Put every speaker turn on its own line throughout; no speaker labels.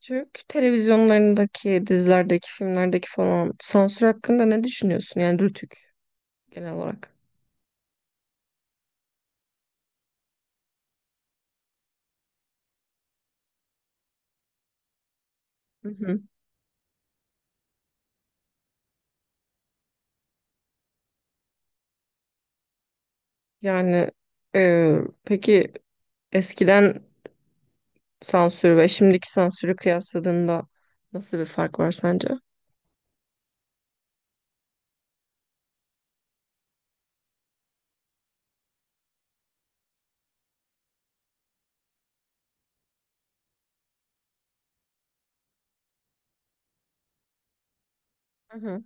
Türk televizyonlarındaki, dizilerdeki, filmlerdeki falan sansür hakkında ne düşünüyorsun? Yani Rütük genel olarak. Hı hı. Yani e, peki eskiden sansür ve şimdiki sansürü kıyasladığında nasıl bir fark var sence? Hı hı,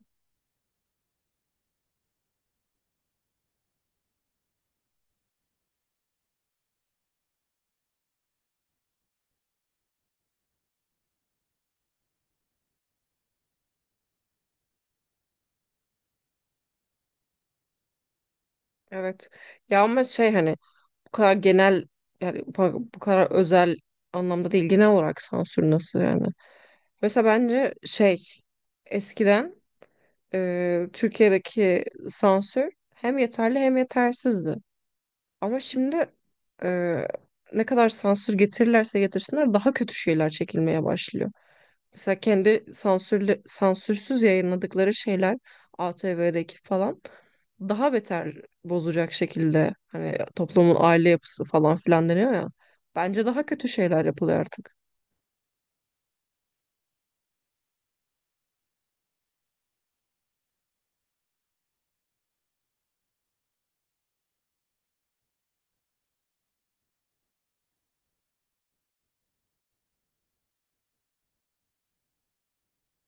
evet. Ya ama şey hani bu kadar genel yani bu kadar özel anlamda değil genel olarak sansür nasıl yani? Mesela bence şey eskiden Türkiye'deki sansür hem yeterli hem yetersizdi. Ama şimdi e, ne kadar sansür getirirlerse getirsinler daha kötü şeyler çekilmeye başlıyor. Mesela kendi sansürlü, sansürsüz yayınladıkları şeyler ATV'deki falan daha beter bozacak şekilde hani toplumun aile yapısı falan filan deniyor ya. Bence daha kötü şeyler yapılıyor artık.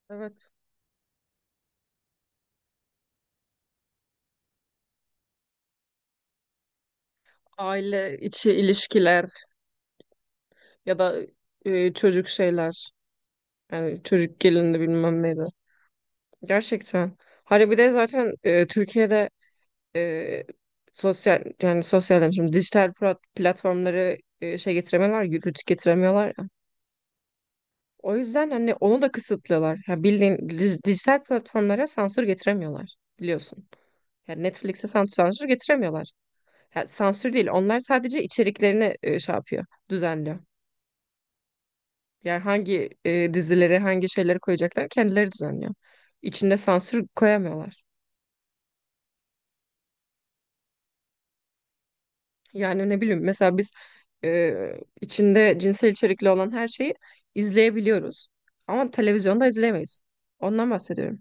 Evet, aile içi ilişkiler. Ya da çocuk şeyler. Yani çocuk gelini bilmem neydi. Gerçekten. Hani bir de zaten Türkiye'de e, sosyal yani sosyal demişim dijital platformları şey getiremiyorlar, yürütü getiremiyorlar ya. O yüzden hani onu da kısıtlıyorlar. Ya bildiğin dijital platformlara sansür getiremiyorlar biliyorsun. Yani Netflix'e sansür getiremiyorlar. Yani sansür değil. Onlar sadece içeriklerini şey yapıyor, düzenliyor. Yani hangi dizileri, hangi şeyleri koyacaklar kendileri düzenliyor. İçinde sansür koyamıyorlar. Yani ne bileyim mesela biz e, içinde cinsel içerikli olan her şeyi izleyebiliyoruz. Ama televizyonda izleyemeyiz. Ondan bahsediyorum.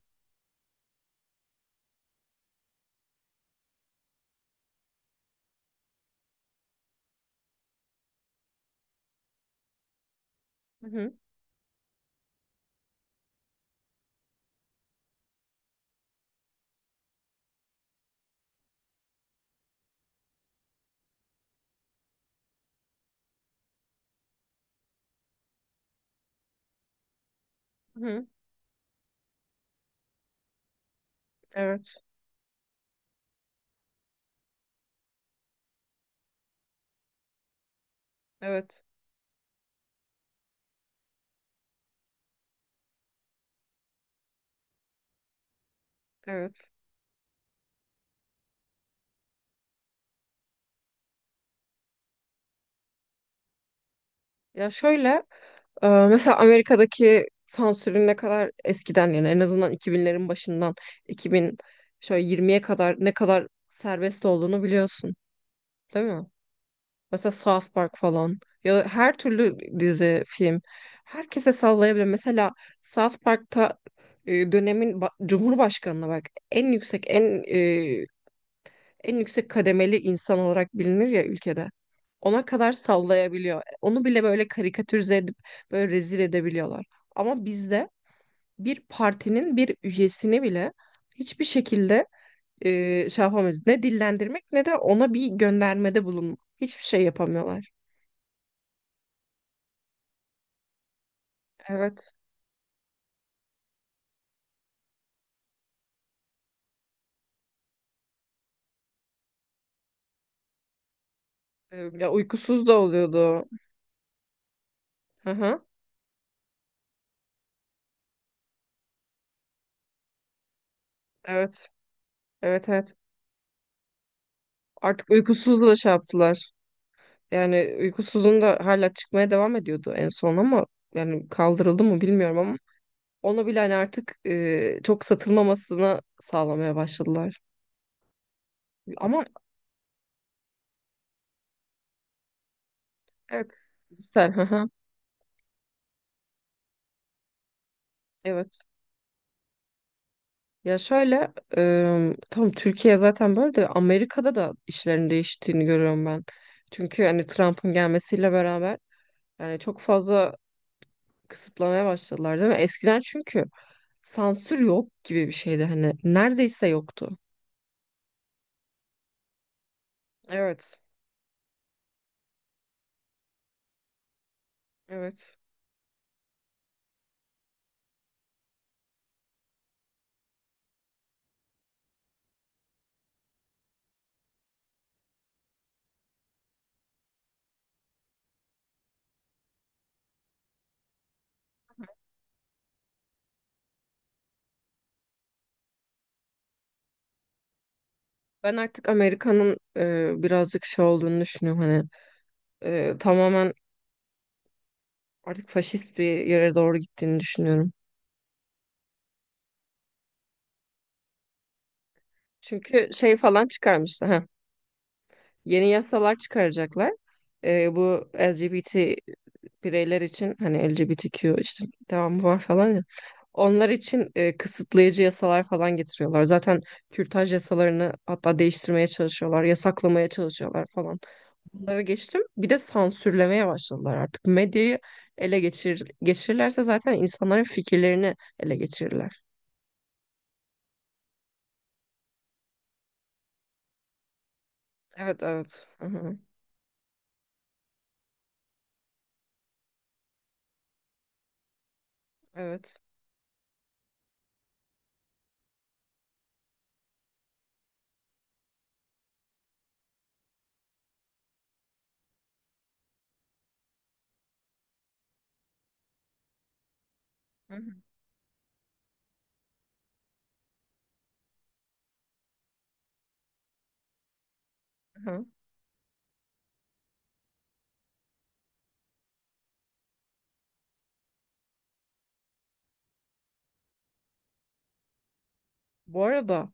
Hı hı, hı. Evet, evet, evet. Ya şöyle mesela Amerika'daki sansürün ne kadar eskiden, yani en azından 2000'lerin başından 2000 şöyle 20'ye kadar ne kadar serbest olduğunu biliyorsun, değil mi? Mesela South Park falan ya da her türlü dizi, film herkese sallayabilir. Mesela South Park'ta dönemin Cumhurbaşkanına bak, en yüksek en e, en yüksek kademeli insan olarak bilinir ya ülkede. Ona kadar sallayabiliyor. Onu bile böyle karikatürize edip böyle rezil edebiliyorlar. Ama bizde bir partinin bir üyesini bile hiçbir şekilde şey yapamayız. Ne dillendirmek ne de ona bir göndermede bulunmak. Hiçbir şey yapamıyorlar. Evet. Ya uykusuz da oluyordu. Hı hı. Evet. Evet, evet. Artık uykusuzla şey yaptılar. Yani uykusuzun da hala çıkmaya devam ediyordu en son ama yani kaldırıldı mı bilmiyorum ama onu bile hani artık çok satılmamasını sağlamaya başladılar. Ama evet, güzel. Hı hı. Evet. Ya şöyle tamam, Türkiye zaten böyle de Amerika'da da işlerin değiştiğini görüyorum ben. Çünkü hani Trump'ın gelmesiyle beraber yani çok fazla kısıtlamaya başladılar değil mi? Eskiden çünkü sansür yok gibi bir şeydi, hani neredeyse yoktu. Evet, evet. Ben artık Amerika'nın birazcık şey olduğunu düşünüyorum, hani tamamen artık faşist bir yere doğru gittiğini düşünüyorum. Çünkü şey falan çıkarmışlar. Yeni yasalar çıkaracaklar. Bu LGBT bireyler için, hani LGBTQ işte devamı var falan ya. Onlar için kısıtlayıcı yasalar falan getiriyorlar. Zaten kürtaj yasalarını hatta değiştirmeye çalışıyorlar, yasaklamaya çalışıyorlar falan. Bunları geçtim. Bir de sansürlemeye başladılar artık. Medyayı ele geçirirlerse zaten insanların fikirlerini ele geçirirler. Evet, evet. Hı hı. Evet. Hı hı. Hı. Bu arada,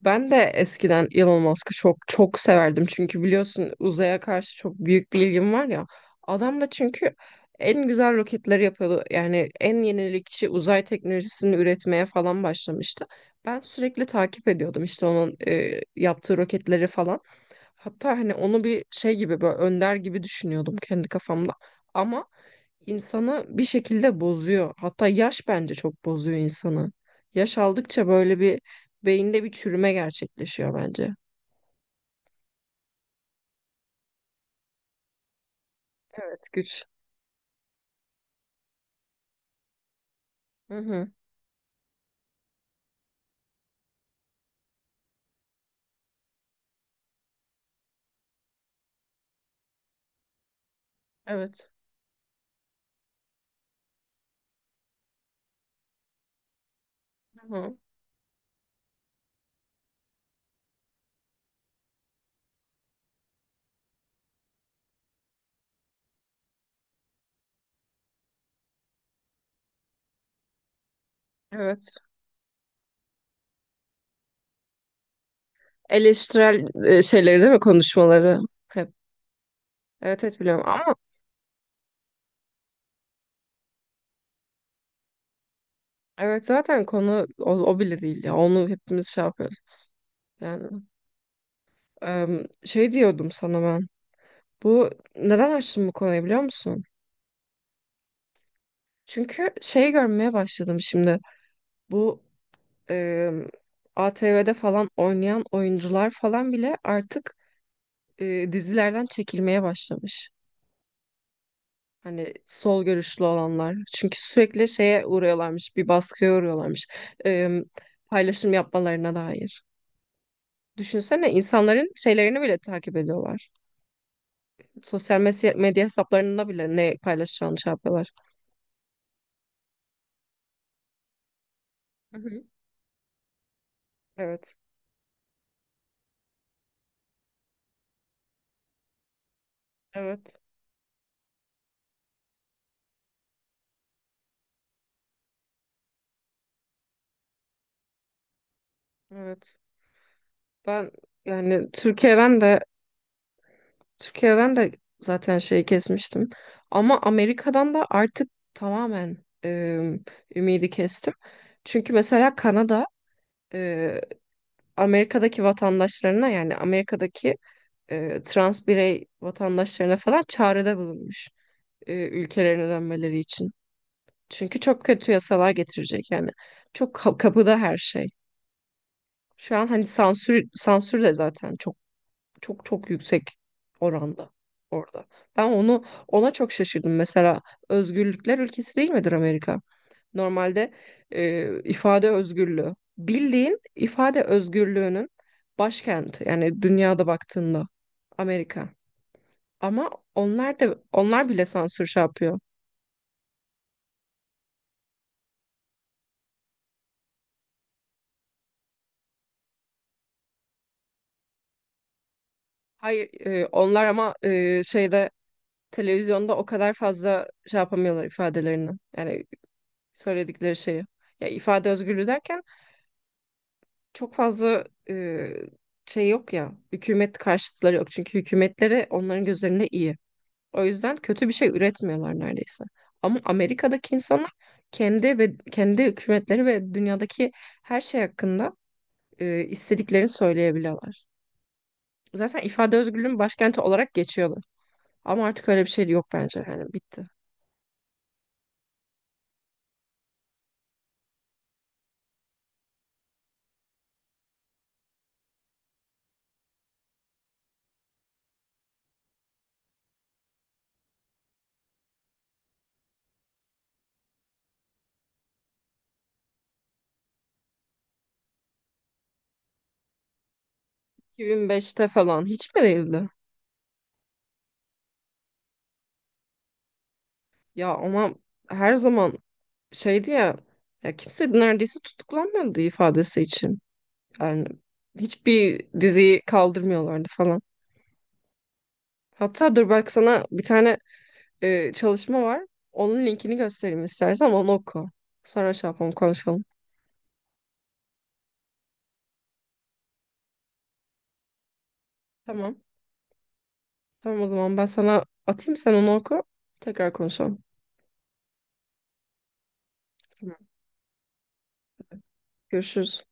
ben de eskiden Elon Musk'ı çok çok severdim. Çünkü biliyorsun uzaya karşı çok büyük bir ilgim var ya. Adam da çünkü en güzel roketleri yapıyordu. Yani en yenilikçi uzay teknolojisini üretmeye falan başlamıştı. Ben sürekli takip ediyordum işte onun yaptığı roketleri falan. Hatta hani onu bir şey gibi, böyle önder gibi düşünüyordum kendi kafamda. Ama insanı bir şekilde bozuyor. Hatta yaş bence çok bozuyor insanı. Yaş aldıkça böyle bir beyinde bir çürüme gerçekleşiyor bence. Evet, güç. Hı hı. Evet. Hı hı. Evet. Eleştirel şeyleri değil mi konuşmaları? Hep. Evet evet biliyorum ama evet zaten konu o bile değil ya. Onu hepimiz şey yapıyoruz. Yani şey diyordum sana ben. Bu neden açtım bu konuyu biliyor musun? Çünkü şey görmeye başladım şimdi. Bu e, ATV'de falan oynayan oyuncular falan bile artık dizilerden çekilmeye başlamış. Hani sol görüşlü olanlar. Çünkü sürekli şeye uğruyorlarmış, bir baskıya uğruyorlarmış. E, Paylaşım yapmalarına dair. Düşünsene insanların şeylerini bile takip ediyorlar. Sosyal medya hesaplarında bile ne paylaşacağını şey yapıyorlar. Hı hı. Evet, evet, evet. Ben yani Türkiye'den de zaten şeyi kesmiştim. Ama Amerika'dan da artık tamamen e, ümidi kestim. Çünkü mesela Kanada e, Amerika'daki vatandaşlarına, yani Amerika'daki trans birey vatandaşlarına falan çağrıda bulunmuş ülkelerine dönmeleri için. Çünkü çok kötü yasalar getirecek yani. Çok kapıda her şey. Şu an hani sansür de zaten çok çok çok yüksek oranda orada. Ben onu, ona çok şaşırdım. Mesela özgürlükler ülkesi değil midir Amerika? Normalde ifade özgürlüğü. Bildiğin ifade özgürlüğünün başkenti. Yani dünyada baktığında Amerika. Ama onlar da, onlar bile sansür şey yapıyor. Hayır, onlar ama şeyde, televizyonda o kadar fazla şey yapamıyorlar ifadelerini. Yani söyledikleri şeyi. Ya ifade özgürlüğü derken çok fazla e, şey yok ya. Hükümet karşıtları yok. Çünkü hükümetleri onların gözlerinde iyi. O yüzden kötü bir şey üretmiyorlar neredeyse. Ama Amerika'daki insanlar kendi ve kendi hükümetleri ve dünyadaki her şey hakkında istediklerini söyleyebiliyorlar. Zaten ifade özgürlüğünün başkenti olarak geçiyorlar. Ama artık öyle bir şey yok bence. Yani hani bitti.2005'te falan hiç mi değildi? Ya ama her zaman şeydi ya, ya kimse neredeyse tutuklanmıyordu ifadesi için. Yani hiçbir diziyi kaldırmıyorlardı falan. Hatta dur, bak sana bir tane çalışma var. Onun linkini göstereyim, istersen onu oku. Sonra şey yapalım, konuşalım. Tamam. Tamam, o zaman ben sana atayım, sen onu oku. Tekrar konuşalım. Tamam. Görüşürüz.